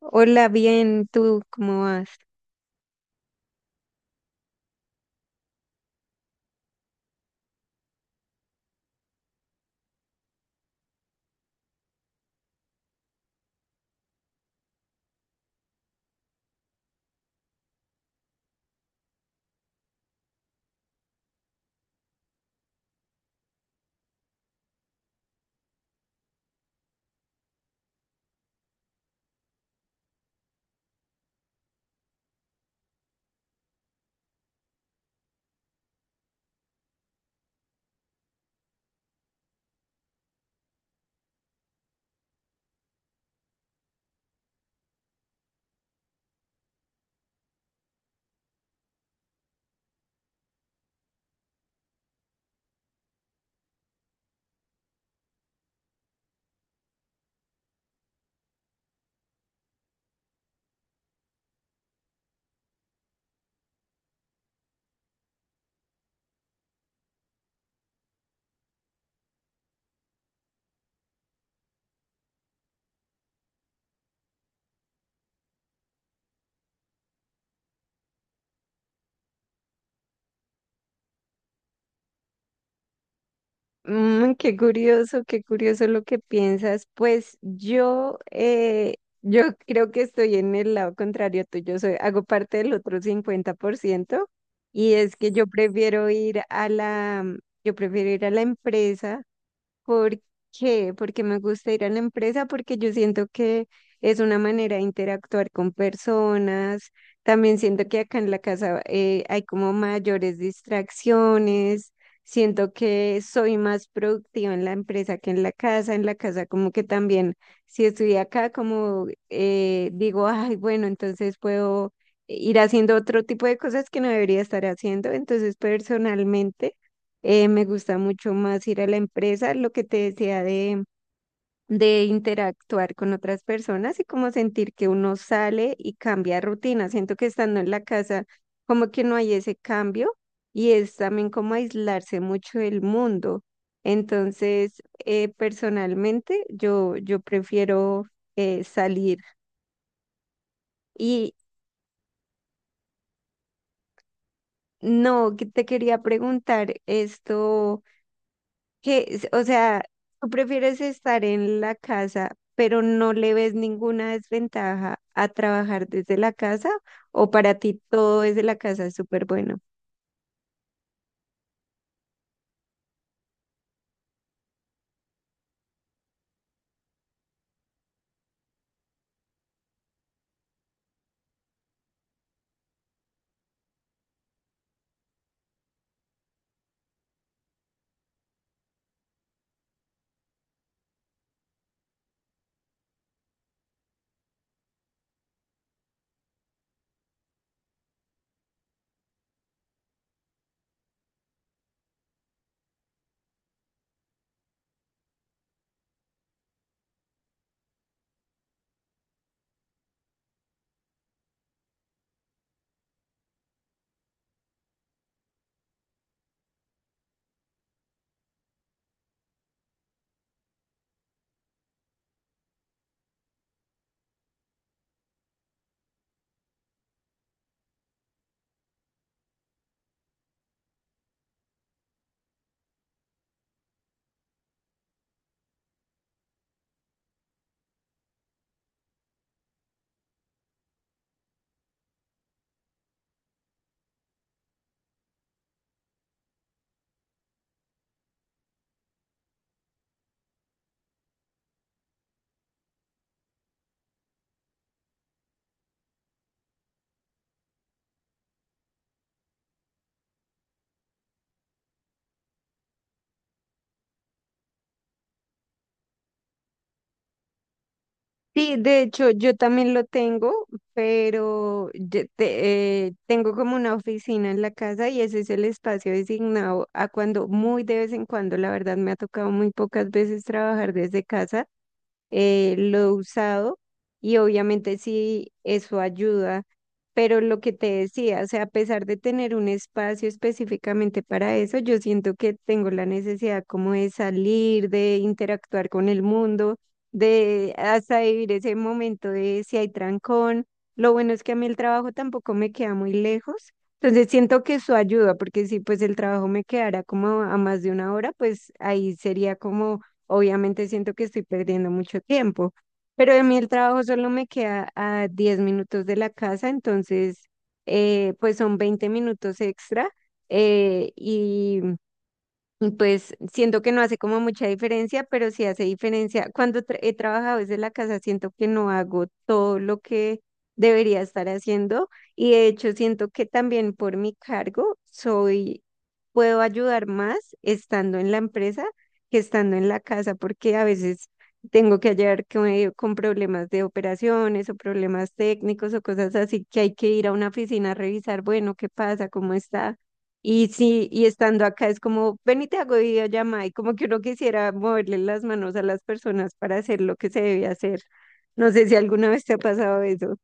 Hola, bien, ¿tú cómo vas? Mm, qué curioso lo que piensas. Pues yo creo que estoy en el lado contrario tuyo, hago parte del otro 50% y es que yo prefiero ir a la empresa. ¿Por qué? Porque me gusta ir a la empresa, porque yo siento que es una manera de interactuar con personas. También siento que acá en la casa hay como mayores distracciones. Siento que soy más productiva en la empresa que en la casa. En la casa como que también, si estoy acá, como digo, ay, bueno, entonces puedo ir haciendo otro tipo de cosas que no debería estar haciendo. Entonces, personalmente. Me gusta mucho más ir a la empresa, lo que te decía de interactuar con otras personas y como sentir que uno sale y cambia rutina. Siento que estando en la casa, como que no hay ese cambio y es también como aislarse mucho del mundo. Entonces, personalmente, yo prefiero salir. Y no, que te quería preguntar esto, o sea, tú prefieres estar en la casa, pero no le ves ninguna desventaja a trabajar desde la casa, o para ti todo desde la casa es súper bueno. Sí, de hecho, yo también lo tengo, pero yo tengo como una oficina en la casa y ese es el espacio designado a cuando muy de vez en cuando, la verdad me ha tocado muy pocas veces trabajar desde casa. Lo he usado y obviamente sí, eso ayuda, pero lo que te decía, o sea, a pesar de tener un espacio específicamente para eso, yo siento que tengo la necesidad como de salir, de interactuar con el mundo, de hasta vivir ese momento de si hay trancón. Lo bueno es que a mí el trabajo tampoco me queda muy lejos. Entonces siento que eso ayuda, porque si pues el trabajo me quedara como a más de una hora, pues ahí sería como. Obviamente siento que estoy perdiendo mucho tiempo, pero a mí el trabajo solo me queda a 10 minutos de la casa, entonces pues son 20 minutos extra, y pues siento que no hace como mucha diferencia, pero sí hace diferencia. Cuando he trabajado desde la casa, siento que no hago todo lo que debería estar haciendo, y de hecho siento que también por mi cargo puedo ayudar más estando en la empresa que estando en la casa, porque a veces tengo que ayudar con problemas de operaciones o problemas técnicos o cosas así que hay que ir a una oficina a revisar, bueno, ¿qué pasa? ¿Cómo está? Y sí, y estando acá es como, ven y te hago videollamada, y como que uno quisiera moverle las manos a las personas para hacer lo que se debe hacer. No sé si alguna vez te ha pasado eso.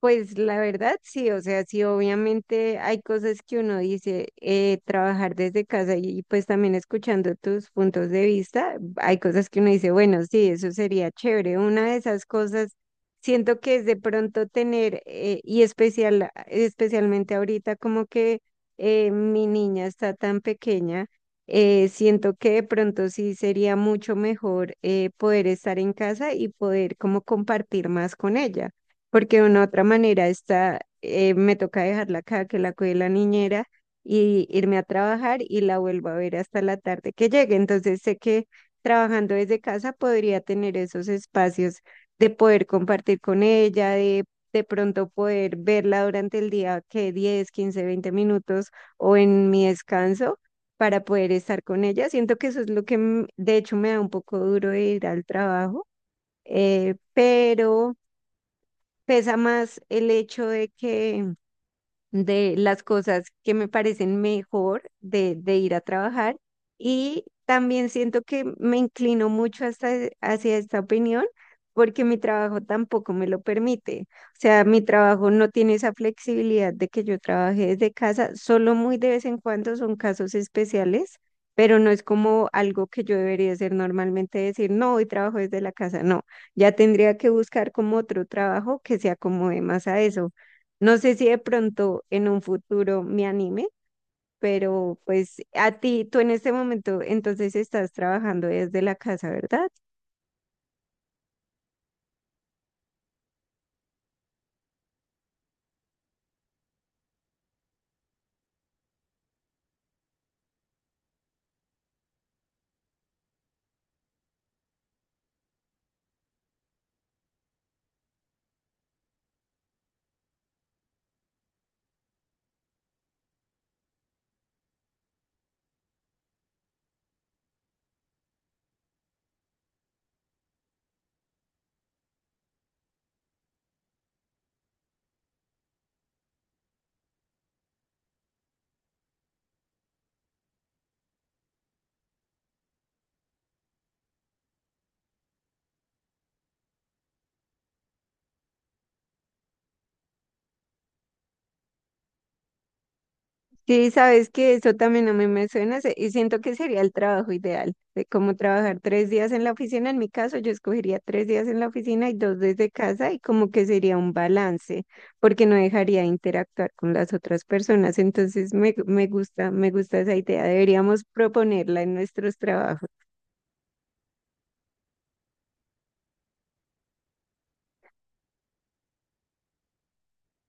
Pues la verdad sí, o sea, sí, obviamente hay cosas que uno dice, trabajar desde casa, y pues también escuchando tus puntos de vista, hay cosas que uno dice, bueno, sí, eso sería chévere. Una de esas cosas siento que es de pronto tener, especialmente ahorita, como que mi niña está tan pequeña. Siento que de pronto sí sería mucho mejor poder estar en casa y poder como compartir más con ella, porque de una otra manera está, me toca dejarla acá, que la cuide la niñera, y irme a trabajar y la vuelvo a ver hasta la tarde que llegue. Entonces sé que trabajando desde casa podría tener esos espacios de poder compartir con ella, de pronto poder verla durante el día, que 10, 15, 20 minutos o en mi descanso, para poder estar con ella. Siento que eso es lo que de hecho me da un poco duro de ir al trabajo, pero pesa más el hecho de las cosas que me parecen mejor de ir a trabajar. Y también siento que me inclino mucho hacia esta opinión porque mi trabajo tampoco me lo permite. O sea, mi trabajo no tiene esa flexibilidad de que yo trabaje desde casa, solo muy de vez en cuando son casos especiales, pero no es como algo que yo debería hacer normalmente, decir, no, hoy trabajo desde la casa, no, ya tendría que buscar como otro trabajo que se acomode más a eso. No sé si de pronto en un futuro me anime, pero pues a ti, tú en este momento entonces estás trabajando desde la casa, ¿verdad? Sí, sabes que eso también a mí me suena y siento que sería el trabajo ideal, de cómo trabajar 3 días en la oficina. En mi caso, yo escogería 3 días en la oficina y 2 desde casa, y como que sería un balance, porque no dejaría de interactuar con las otras personas. Entonces me gusta esa idea. Deberíamos proponerla en nuestros trabajos.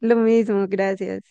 Lo mismo, gracias.